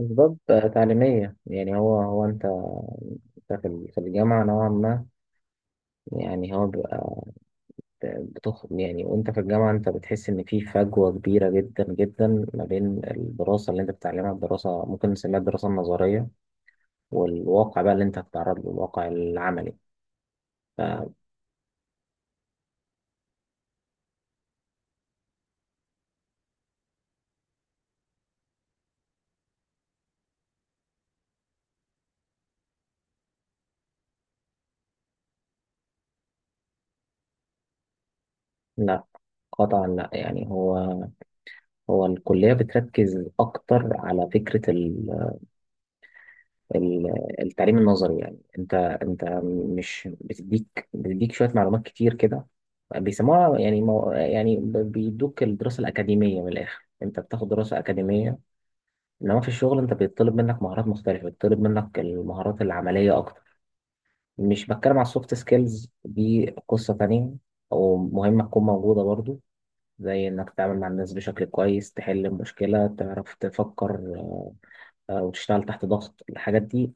أسباب تعليمية. يعني هو أنت في في الجامعة نوعا ما. يعني هو بيبقى بتخ يعني وأنت في الجامعة أنت بتحس إن في فجوة كبيرة جدا جدا ما بين الدراسة اللي أنت بتتعلمها، الدراسة ممكن نسميها الدراسة النظرية، والواقع بقى اللي أنت هتتعرض له الواقع العملي. فلا، قطعا لا. يعني هو الكلية بتركز أكتر على فكرة التعليم النظري. يعني انت مش بتديك شويه معلومات كتير كده بيسموها، يعني بيدوك الدراسه الاكاديميه. من الاخر انت بتاخد دراسه اكاديميه، انما في الشغل انت بيطلب منك مهارات مختلفه، بيطلب منك المهارات العمليه اكتر. مش بتكلم على السوفت سكيلز، دي قصه تانية ومهمه تكون موجوده برضو، زي انك تتعامل مع الناس بشكل كويس، تحل مشكله، تعرف تفكر، وتشتغل تحت ضغط. الحاجات دي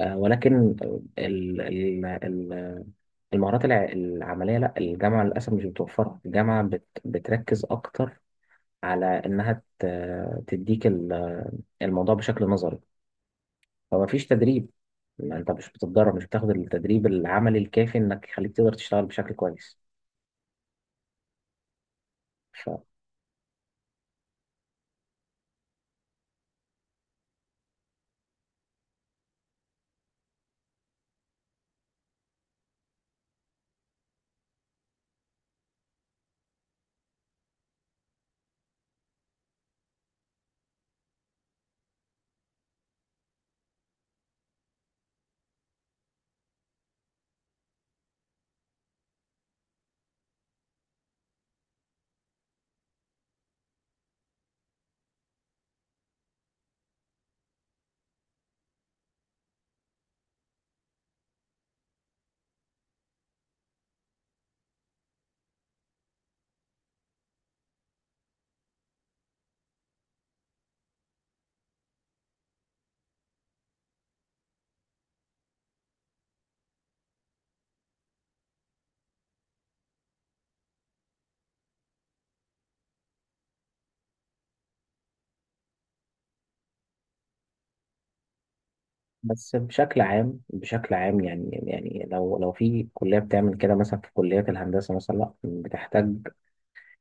ولكن ال- ال- المهارات العملية لا، الجامعة للأسف مش بتوفرها. الجامعة بتركز أكتر على إنها تديك الموضوع بشكل نظري. فما فيش تدريب، ما أنت مش بتتدرب، مش بتاخد التدريب العملي الكافي إنك يخليك تقدر تشتغل بشكل كويس. ف بس بشكل عام، بشكل عام، يعني لو في كلية بتعمل كده، مثلا في كليات الهندسة مثلا لا، بتحتاج.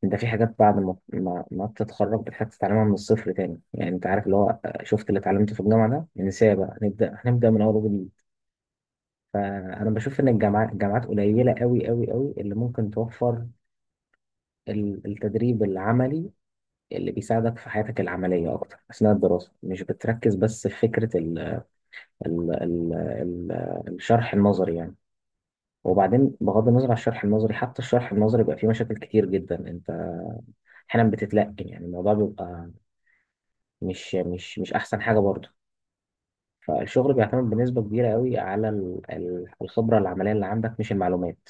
انت في حاجات بعد ما ما بتتخرج بتحتاج تتعلمها من الصفر تاني. يعني انت عارف اللي هو، شفت اللي اتعلمته في الجامعه ده، ننساه بقى، هنبدا من اول وجديد. فانا بشوف ان الجامعات قليله، قوي قوي قوي، اللي ممكن توفر التدريب العملي اللي بيساعدك في حياتك العمليه اكتر اثناء الدراسه، مش بتركز بس في فكره ال ال ال ال الشرح النظري يعني. وبعدين بغض النظر عن الشرح النظري، حتى الشرح النظري بيبقى فيه مشاكل كتير جدا. انت احيانا بتتلقن، يعني الموضوع بيبقى مش احسن حاجه برضه. فالشغل بيعتمد بنسبه كبيره قوي على الخبره العمليه اللي عندك، مش المعلومات.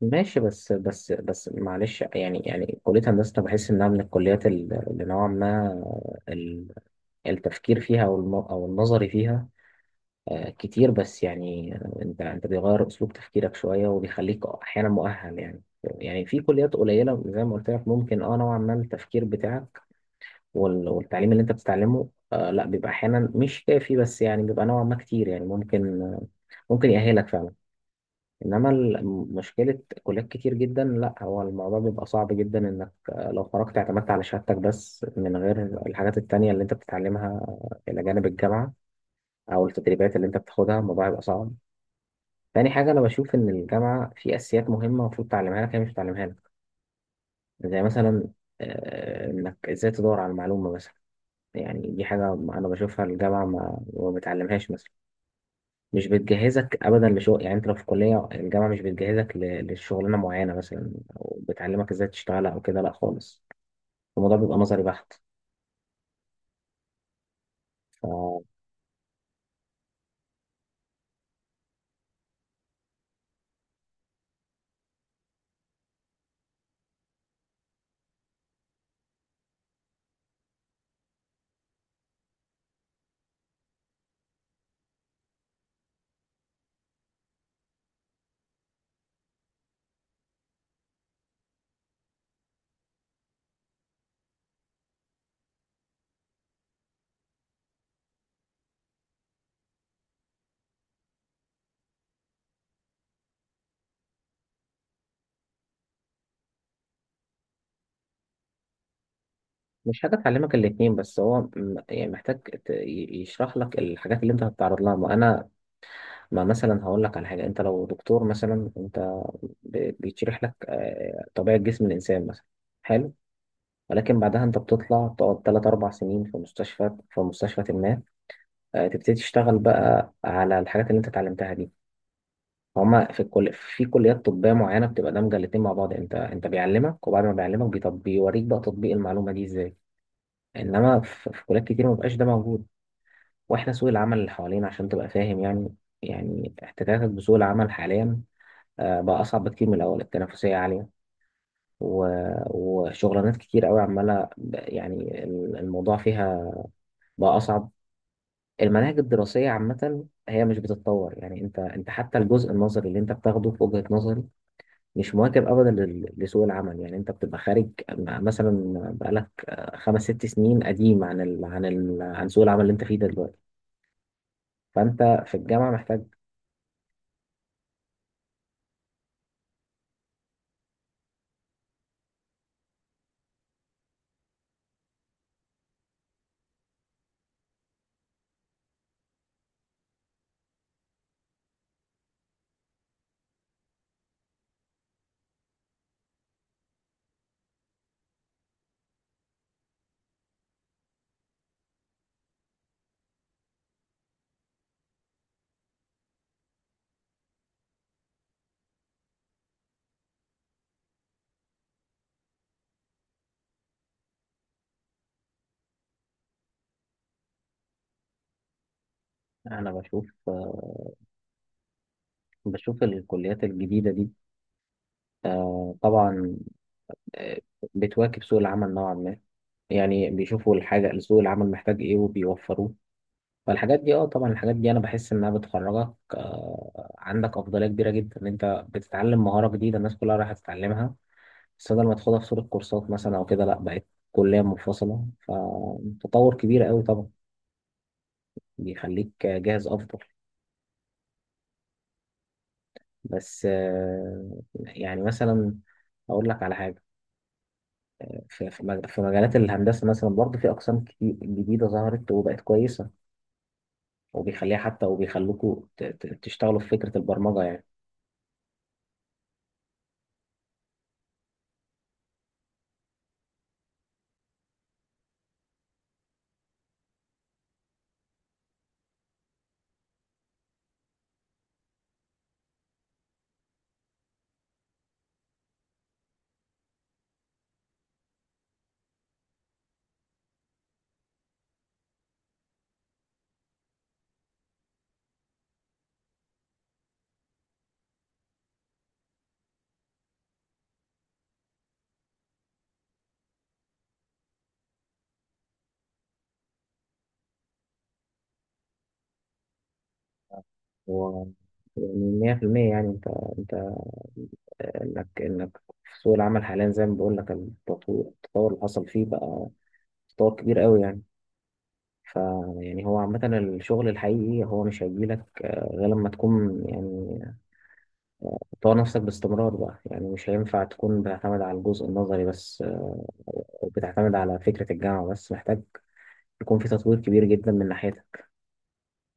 ماشي، بس بس بس، معلش. يعني كليه هندسه أنا بحس انها من الكليات اللي نوعا ما ال- التفكير فيها، او الم- أو النظري فيها كتير. بس يعني انت بيغير اسلوب تفكيرك شويه، وبيخليك احيانا مؤهل. يعني في كليات قليله زي ما قلت لك ممكن اه نوعا ما التفكير بتاعك والتعليم اللي انت بتتعلمه آه لا، بيبقى احيانا مش كافي، بس يعني بيبقى نوعا ما كتير، يعني ممكن يأهلك فعلا. انما مشكلة كليات كتير جدا، لا، هو الموضوع بيبقى صعب جدا انك لو خرجت اعتمدت على شهادتك بس من غير الحاجات التانية اللي انت بتتعلمها الى جانب الجامعة، او التدريبات اللي انت بتاخدها، الموضوع بيبقى صعب. تاني حاجة، انا بشوف ان الجامعة في اساسيات مهمة المفروض تعلمها لك هي مش بتعلمها لك. زي مثلا انك ازاي تدور على المعلومة مثلا، يعني دي حاجة أنا بشوفها الجامعة ما بتعلمهاش مثلا. مش بتجهزك أبدا لشغل. يعني أنت لو في كلية، الجامعة مش بتجهزك لشغلانة معينة مثلا، أو بتعلمك إزاي تشتغل أو كده، لأ خالص. الموضوع بيبقى نظري بحت. فمش حاجة تعلمك الاتنين. بس هو يعني محتاج يشرح لك الحاجات اللي أنت هتتعرض لها. ما مثلا هقول لك على حاجة. أنت لو دكتور مثلا، أنت بيتشرح لك طبيعة جسم الإنسان مثلا. حلو، ولكن بعدها انت بتطلع تقعد 3 4 سنين في مستشفى، ما تبتدي تشتغل بقى على الحاجات اللي انت اتعلمتها دي. هما في الكل في كليات طبية معينة بتبقى دمجة الاتنين مع بعض. انت بيعلمك، وبعد ما بيعلمك بيوريك بقى تطبيق المعلومة دي ازاي. انما في كليات كتير ما بقاش ده موجود. واحنا سوق العمل اللي حوالينا، عشان تبقى فاهم يعني، يعني احتكاكك بسوق العمل حاليا بقى اصعب بكتير من الاول، التنافسية عالية و... وشغلانات كتير قوي عمالة يعني الموضوع فيها بقى أصعب. المناهج الدراسية عامة هي مش بتتطور. يعني انت حتى الجزء النظري اللي انت بتاخده في وجهة نظري مش مواكب ابدا لسوق العمل. يعني انت بتبقى خارج مثلا، بقالك خمس ست سنين قديم عن سوق العمل اللي انت فيه ده دلوقتي. فانت في الجامعة محتاج. انا بشوف بشوف الكليات الجديدة دي طبعا آه، بتواكب سوق العمل نوعا ما. يعني بيشوفوا الحاجة سوق العمل محتاج ايه وبيوفروه. فالحاجات دي اه طبعا، الحاجات دي انا بحس انها بتخرجك آه عندك افضليه كبيره جدا. ان انت بتتعلم مهاره جديده الناس كلها رايحه تتعلمها، بس بدل ما تاخدها في صوره كورسات مثلا او كده، لا، بقت كليه منفصله، فتطور كبير قوي طبعا، بيخليك جاهز افضل. بس آه يعني مثلا اقول لك على حاجه، في مجالات الهندسه مثلا برضه في اقسام كتير جديده ظهرت وبقت كويسه، وبيخليها حتى وبيخلوكوا تشتغلوا في فكره البرمجه يعني. هو يعني مية في المية. يعني انت انت انك انك في سوق العمل حاليا، زي ما بقول لك التطور، اللي حصل فيه بقى تطور كبير قوي يعني. ف يعني هو عامة الشغل الحقيقي هو مش هيجيلك غير لما تكون يعني تطور نفسك باستمرار بقى. يعني مش هينفع تكون بتعتمد على الجزء النظري بس او بتعتمد على فكرة الجامعة بس، محتاج يكون في تطوير كبير جدا من ناحيتك.